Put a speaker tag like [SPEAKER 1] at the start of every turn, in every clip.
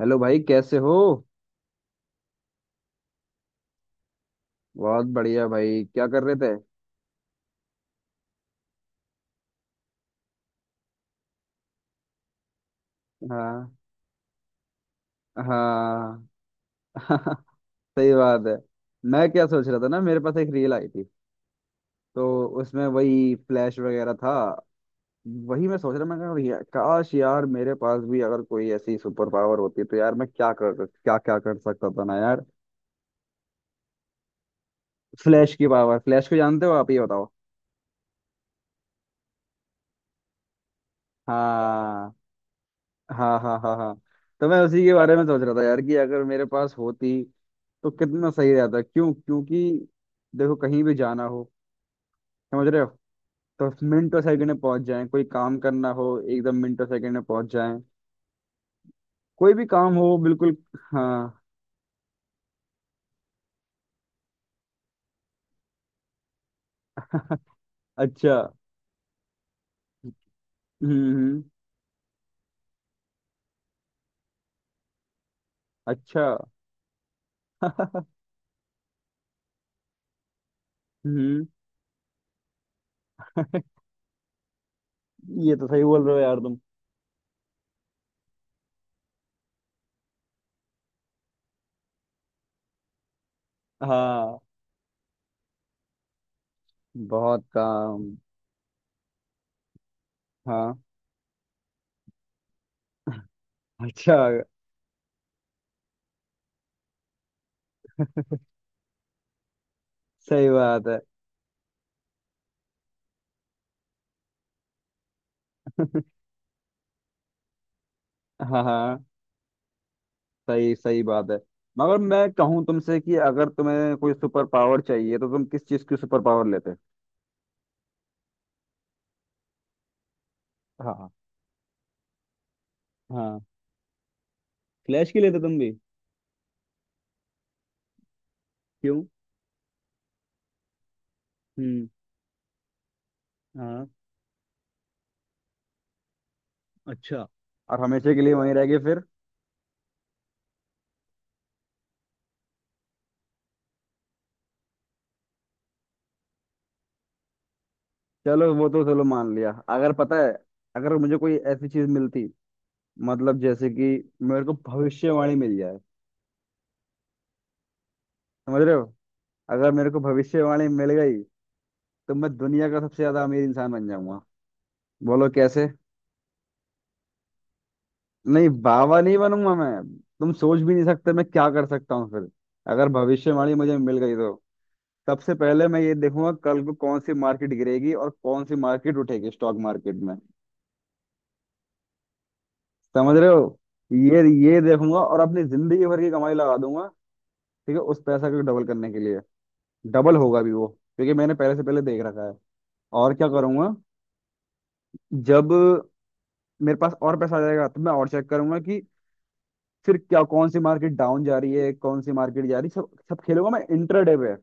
[SPEAKER 1] Hello भाई, कैसे हो? बहुत बढ़िया भाई। क्या कर रहे थे? हाँ। हाँ। सही बात है। मैं क्या सोच रहा था ना, मेरे पास एक रील आई थी। तो उसमें वही फ्लैश वगैरह था। वही मैं सोच रहा, मैं कहा यार, काश यार मेरे पास भी अगर कोई ऐसी सुपर पावर होती तो यार मैं क्या क्या कर सकता था ना यार। फ्लैश की पावर। फ्लैश को जानते हो आप? ये बताओ। हाँ, हाँ, हाँ, हाँ, हाँ। तो मैं उसी के बारे में सोच रहा था यार कि अगर मेरे पास होती तो कितना सही रहता। क्यों? क्योंकि देखो, कहीं भी जाना हो, समझ रहे हो, तो मिनटों सेकंड में पहुंच जाएं। कोई काम करना हो एकदम मिनटों सेकंड में पहुंच जाएं। कोई भी काम हो, बिल्कुल। हाँ। अच्छा। हम्म, अच्छा। हम्म। ये तो सही बोल रहे हो यार तुम। हाँ। बहुत काम। हाँ। अच्छा। सही बात है। हाँ, हाँ। सही सही बात है। मगर मैं कहूँ तुमसे कि अगर तुम्हें कोई सुपर पावर चाहिए तो तुम किस चीज की सुपर पावर लेते? हाँ, हाँ। फ्लैश की लेते तुम भी? क्यों? हम्म। हाँ। अच्छा। और हमेशा के लिए वहीं रह गए फिर? चलो वो तो चलो मान लिया। अगर पता है, अगर मुझे कोई ऐसी चीज मिलती, मतलब जैसे कि मेरे को भविष्यवाणी मिल जाए, समझ रहे हो? अगर मेरे को भविष्यवाणी मिल गई तो मैं दुनिया का सबसे ज्यादा अमीर इंसान बन जाऊंगा। बोलो कैसे? नहीं, बाबा नहीं बनूंगा मैं। तुम सोच भी नहीं सकते मैं क्या कर सकता हूँ फिर। अगर भविष्यवाणी मुझे मिल गई तो सबसे पहले मैं ये देखूंगा कल को कौन सी मार्केट गिरेगी और कौन सी मार्केट उठेगी स्टॉक मार्केट में। समझ रहे हो? ये देखूंगा और अपनी जिंदगी भर की कमाई लगा दूंगा। ठीक है, उस पैसा को डबल करने के लिए। डबल होगा भी वो, क्योंकि मैंने पहले से पहले देख रखा है। और क्या करूंगा? जब मेरे पास और पैसा आ जाएगा तो मैं और चेक करूंगा कि फिर क्या, कौन सी मार्केट डाउन जा रही है, कौन सी मार्केट जा रही है। सब सब खेलूंगा मैं इंट्राडे पे,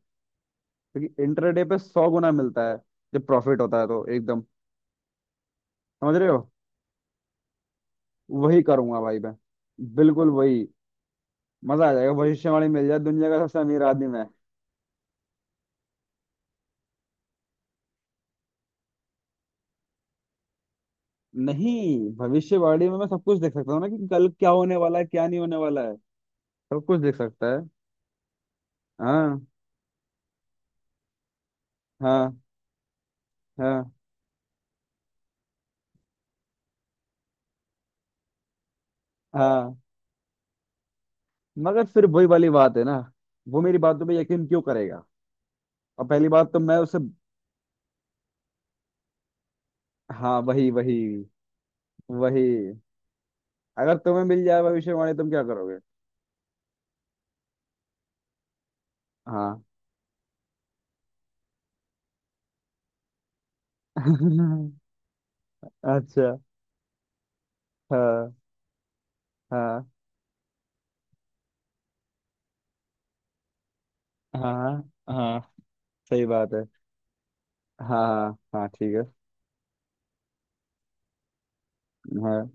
[SPEAKER 1] क्योंकि इंटरडे पे 100 गुना मिलता है जब प्रॉफिट होता है, तो एकदम। समझ रहे हो? वही करूंगा भाई मैं। बिल्कुल वही। मजा आ जाएगा भविष्यवाणी मिल जाए, दुनिया का सबसे अमीर आदमी मैं। नहीं, भविष्यवाणी में मैं सब कुछ देख सकता हूँ ना, कि कल क्या होने वाला है, क्या नहीं होने वाला है। सब कुछ देख सकता है। हाँ, हाँ, हाँ, हाँ। मगर फिर वही वाली बात है ना, वो मेरी बातों पे यकीन क्यों करेगा? और पहली बात तो मैं उसे। हाँ, वही वही वही। अगर तुम्हें मिल जाए भविष्यवाणी, तुम क्या करोगे? हाँ। अच्छा। हाँ, हाँ, हाँ, हाँ। सही बात है। हाँ, हाँ, हाँ, ठीक है। हाँ,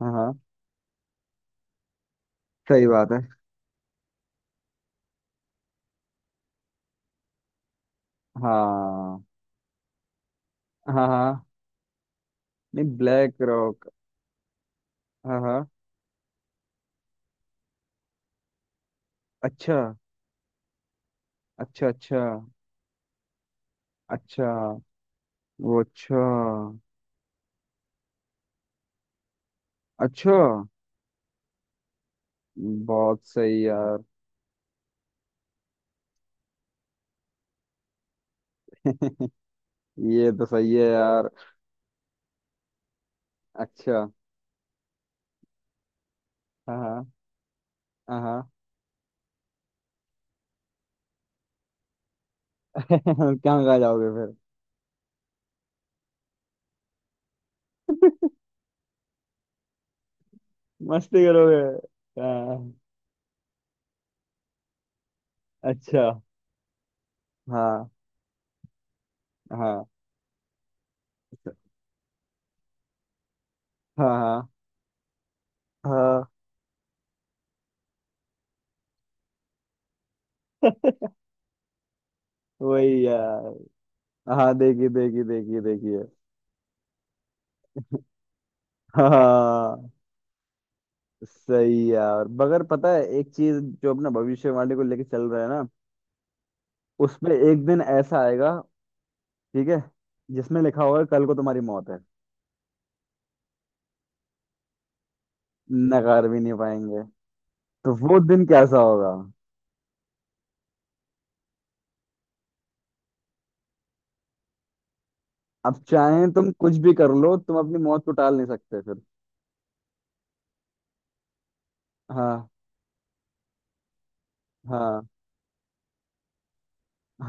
[SPEAKER 1] हाँ, हाँ। सही बात है। हाँ, हाँ, हाँ। नहीं, ब्लैक रॉक। हाँ, हाँ। अच्छा, अच्छा। अच्छा, अच्छा। वो, अच्छा। अच्छा। बहुत सही यार। ये तो सही है यार। अच्छा। हाँ, हाँ, हाँ। क्या खा जाओगे फिर? मस्ती करोगे? हाँ। अच्छा। हाँ। हाँ। हाँ। हाँ। हाँ। वही यार। हाँ, देखिए, देखिए, देखिए, देखिए। हाँ। सही यार, मगर पता है एक चीज, जो अपना भविष्यवाणी को लेके चल रहा है ना, उसमें एक दिन ऐसा आएगा, ठीक है, जिसमें लिखा होगा कल को तुम्हारी मौत है। नकार भी नहीं पाएंगे। तो वो दिन कैसा होगा? अब चाहे तुम कुछ भी कर लो, तुम अपनी मौत को टाल नहीं सकते फिर। हाँ, हाँ,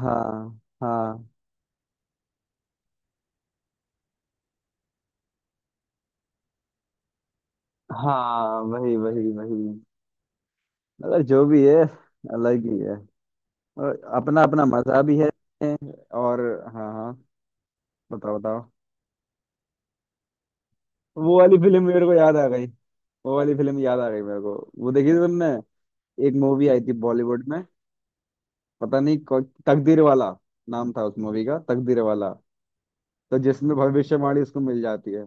[SPEAKER 1] हाँ, हाँ, हाँ, वही वही वही। मगर जो भी है, अलग ही है। और अपना अपना मजा भी है। और हाँ, हाँ। बताओ बताओ। वो वाली फिल्म मेरे को याद आ गई। वो वाली फिल्म याद आ गई मेरे को। वो देखी थी तुमने? एक मूवी आई थी बॉलीवुड में। पता नहीं तकदीर वाला नाम था उस मूवी का, तकदीर वाला। तो जिसमें भविष्यवाणी उसको मिल जाती है।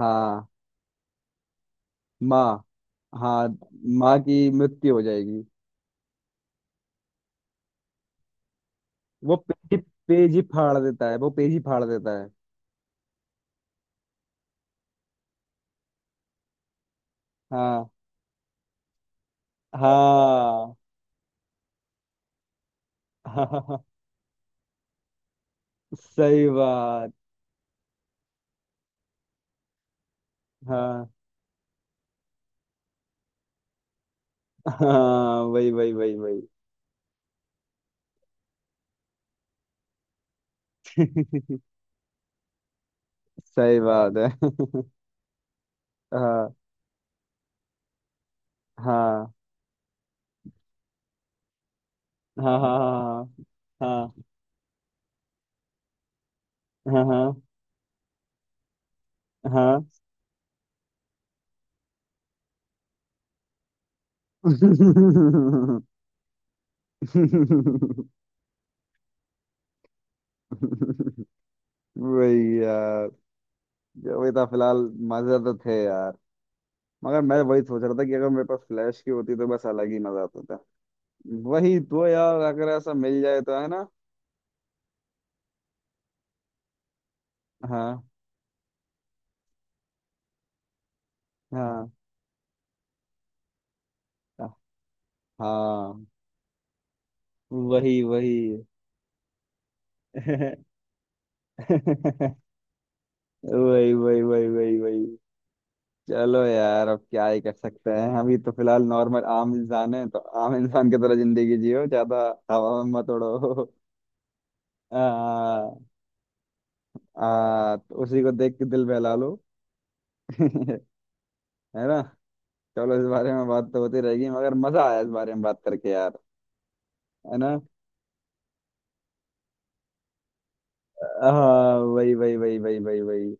[SPEAKER 1] हाँ। माँ। हाँ। माँ की मृत्यु हो जाएगी। वो पेज पेज ही फाड़ देता है, वो पेज ही फाड़ देता है। हाँ, हाँ। हाँ, सही बात। हाँ, हाँ, वही वही वही वही। सही बात है। हाँ, हाँ, हाँ, हाँ, हाँ, हाँ, हाँ, हाँ, हाँ। वही यार। वही था फिलहाल। मजे तो थे यार। मगर मैं वही सोच रहा था कि अगर मेरे पास फ्लैश की होती तो बस अलग ही मजा आता था। वही तो यार, अगर ऐसा मिल जाए तो, है ना? हाँ, हाँ, हाँ, वही वही। वही वही वही वही वही। चलो यार, अब क्या ही कर सकते हैं हम? ये तो फिलहाल नॉर्मल आम इंसान है, तो आम इंसान की तरह जिंदगी जियो ज्यादा। हवा में मत उड़ो। आ, आ, तो उसी को देख के दिल बहला लो। है ना। चलो, इस बारे में बात तो होती रहेगी, मगर मजा आया इस बारे में बात करके यार। है ना। हाँ, वही वही वही वही वही वही।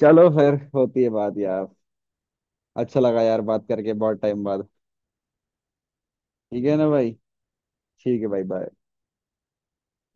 [SPEAKER 1] चलो, फिर होती है बात यार। अच्छा लगा यार बात करके बहुत टाइम बाद। ठीक है ना भाई? ठीक है भाई, बाय।